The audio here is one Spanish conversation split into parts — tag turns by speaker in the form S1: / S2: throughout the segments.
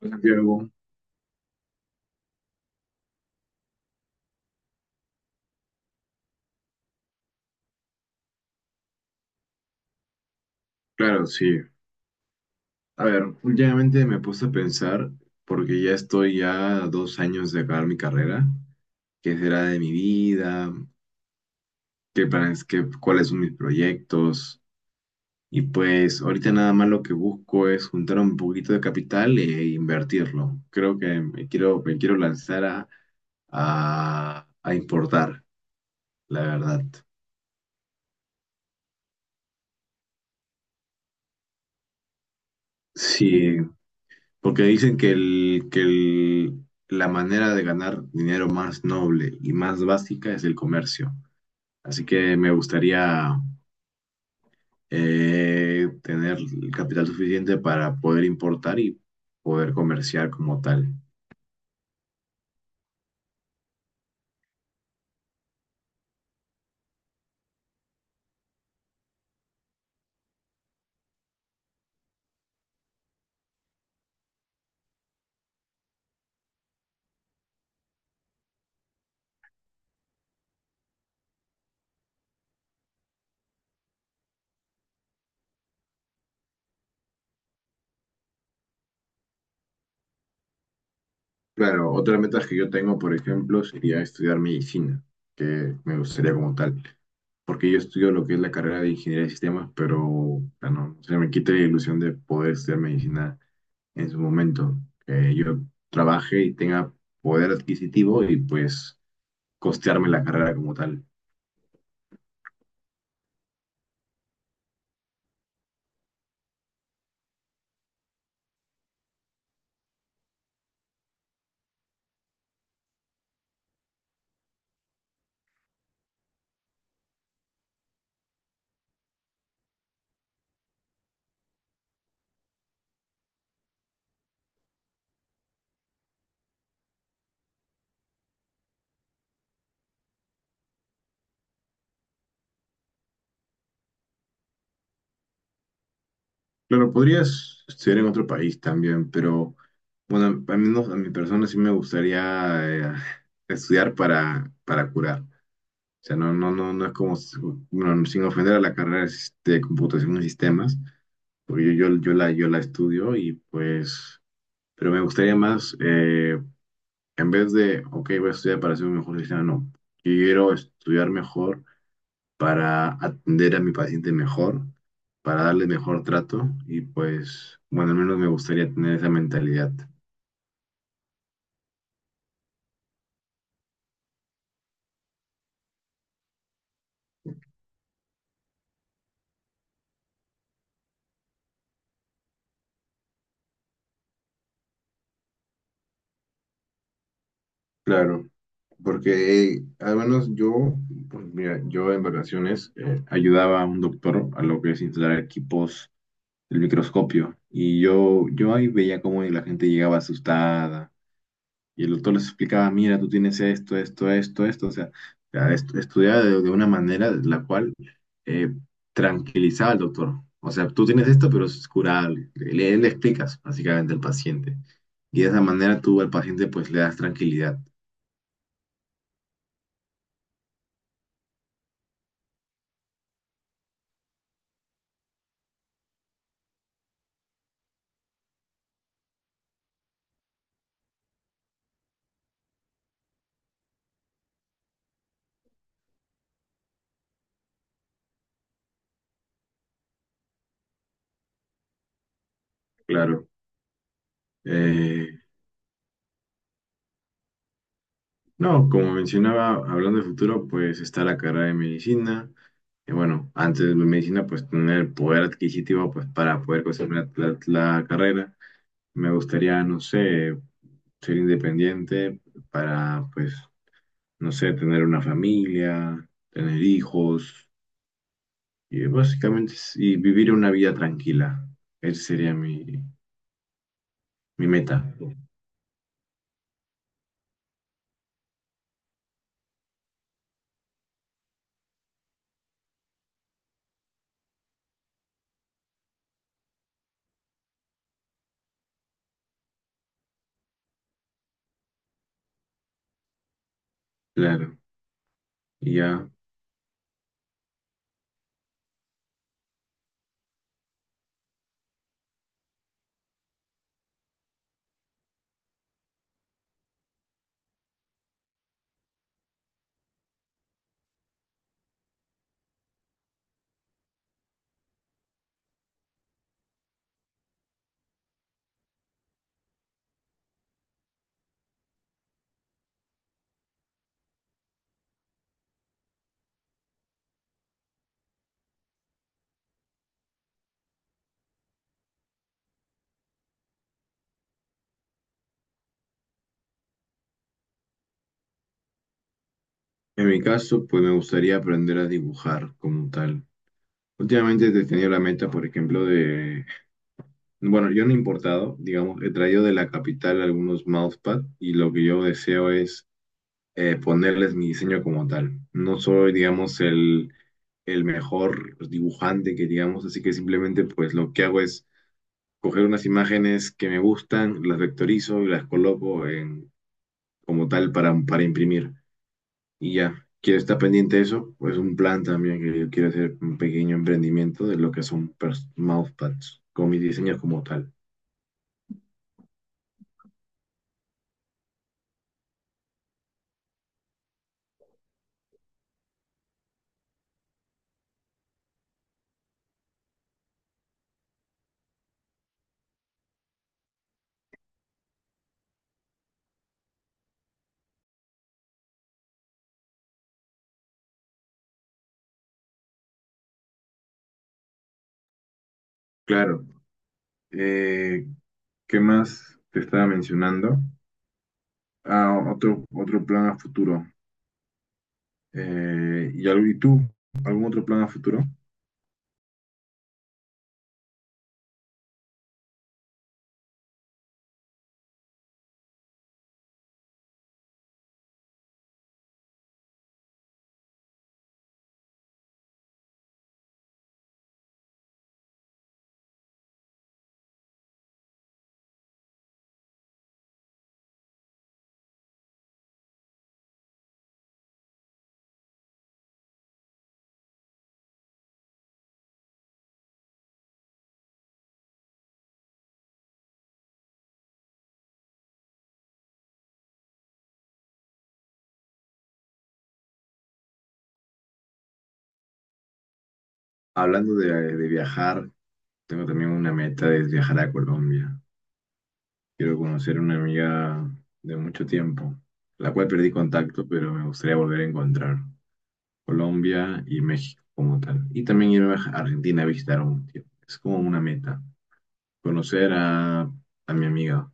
S1: Santiago, claro, sí. A ver, últimamente me puse a pensar, porque ya estoy ya a 2 años de acabar mi carrera, qué será de mi vida, qué planes, cuáles son mis proyectos. Y pues ahorita nada más lo que busco es juntar un poquito de capital e invertirlo. Creo que me quiero lanzar a, a importar, la verdad. Sí, porque dicen que la manera de ganar dinero más noble y más básica es el comercio. Así que me gustaría tener el capital suficiente para poder importar y poder comerciar como tal. Claro, otra meta que yo tengo, por ejemplo, sería estudiar medicina, que me gustaría como tal. Porque yo estudio lo que es la carrera de ingeniería de sistemas, pero bueno, se me quita la ilusión de poder estudiar medicina en su momento, que yo trabaje y tenga poder adquisitivo y pues costearme la carrera como tal. Claro, podrías estudiar en otro país también, pero bueno, al menos a mi persona sí me gustaría estudiar para curar. O sea, no, no, no, no es como, bueno, sin ofender a la carrera de computación y sistemas, porque yo la estudio y pues, pero me gustaría más, en vez de, ok, voy a estudiar para ser un mejor cristiano, no. Quiero estudiar mejor para atender a mi paciente mejor, para darle mejor trato y pues, bueno, al menos me gustaría tener esa mentalidad. Claro, porque al menos yo, pues, mira, yo en vacaciones ayudaba a un doctor a lo que es instalar equipos del microscopio y yo ahí veía cómo la gente llegaba asustada. Y el doctor les explicaba, mira, tú tienes esto, esto, esto, esto. O sea, ya estudiaba de una manera de la cual eh, tranquilizaba al doctor. O sea, tú tienes esto, pero es curable. Le explicas básicamente al paciente. Y de esa manera tú al paciente pues le das tranquilidad. Claro. Eh, no, como mencionaba, hablando de futuro, pues está la carrera de medicina. Y bueno, antes de medicina, pues tener el poder adquisitivo pues para poder conseguir la la- carrera. Me gustaría, no sé, ser independiente para, pues, no sé, tener una familia, tener hijos y básicamente y vivir una vida tranquila. Esa sería mi meta, claro. Y ya, en mi caso, pues me gustaría aprender a dibujar como tal. Últimamente he tenido la meta, por ejemplo, bueno, yo no he importado, digamos, he traído de la capital algunos mousepad y lo que yo deseo es ponerles mi diseño como tal. No soy, digamos, el mejor pues, dibujante que digamos, así que simplemente pues lo que hago es coger unas imágenes que me gustan, las vectorizo y las coloco en, como tal para imprimir. Y ya, quiero estar pendiente de eso, pues un plan también que yo quiero hacer un pequeño emprendimiento de lo que son mousepads con mis diseños como tal. Claro, eh, ¿qué más te estaba mencionando? Ah, otro, otro plan a futuro. ¿Y tú, algún otro plan a futuro? Hablando de viajar, tengo también una meta de viajar a Colombia. Quiero conocer una amiga de mucho tiempo, la cual perdí contacto, pero me gustaría volver a encontrar Colombia y México como tal. Y también irme a Argentina a visitar un tiempo. Es como una meta, conocer a, mi amiga,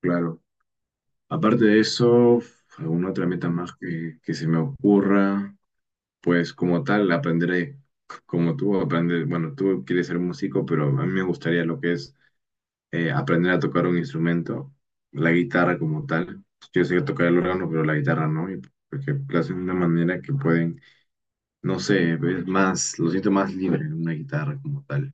S1: claro. Aparte de eso, alguna otra meta más que se me ocurra. Pues como tal, aprenderé, como tú, aprender, bueno, tú quieres ser músico, pero a mí me gustaría lo que es aprender a tocar un instrumento, la guitarra como tal. Yo sé tocar el órgano, pero la guitarra no, y porque lo hacen de una manera que pueden, no sé, es más, lo siento más libre en una guitarra como tal.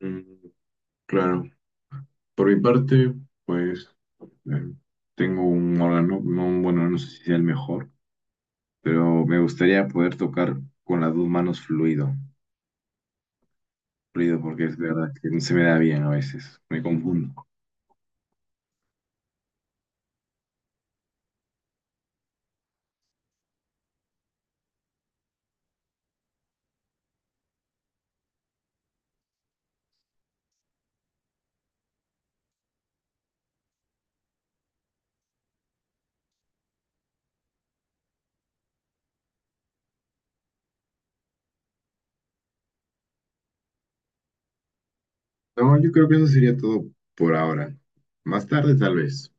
S1: Mm, claro, por mi parte, pues eh, tengo un órgano, no, bueno, no sé si sea el mejor, pero me gustaría poder tocar con las dos manos fluido ruido porque es verdad que no se me da bien a veces, me confundo. No, yo creo que eso sería todo por ahora. Más tarde, tal vez.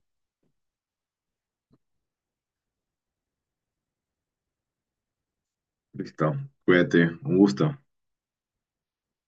S1: Listo, cuídate, un gusto.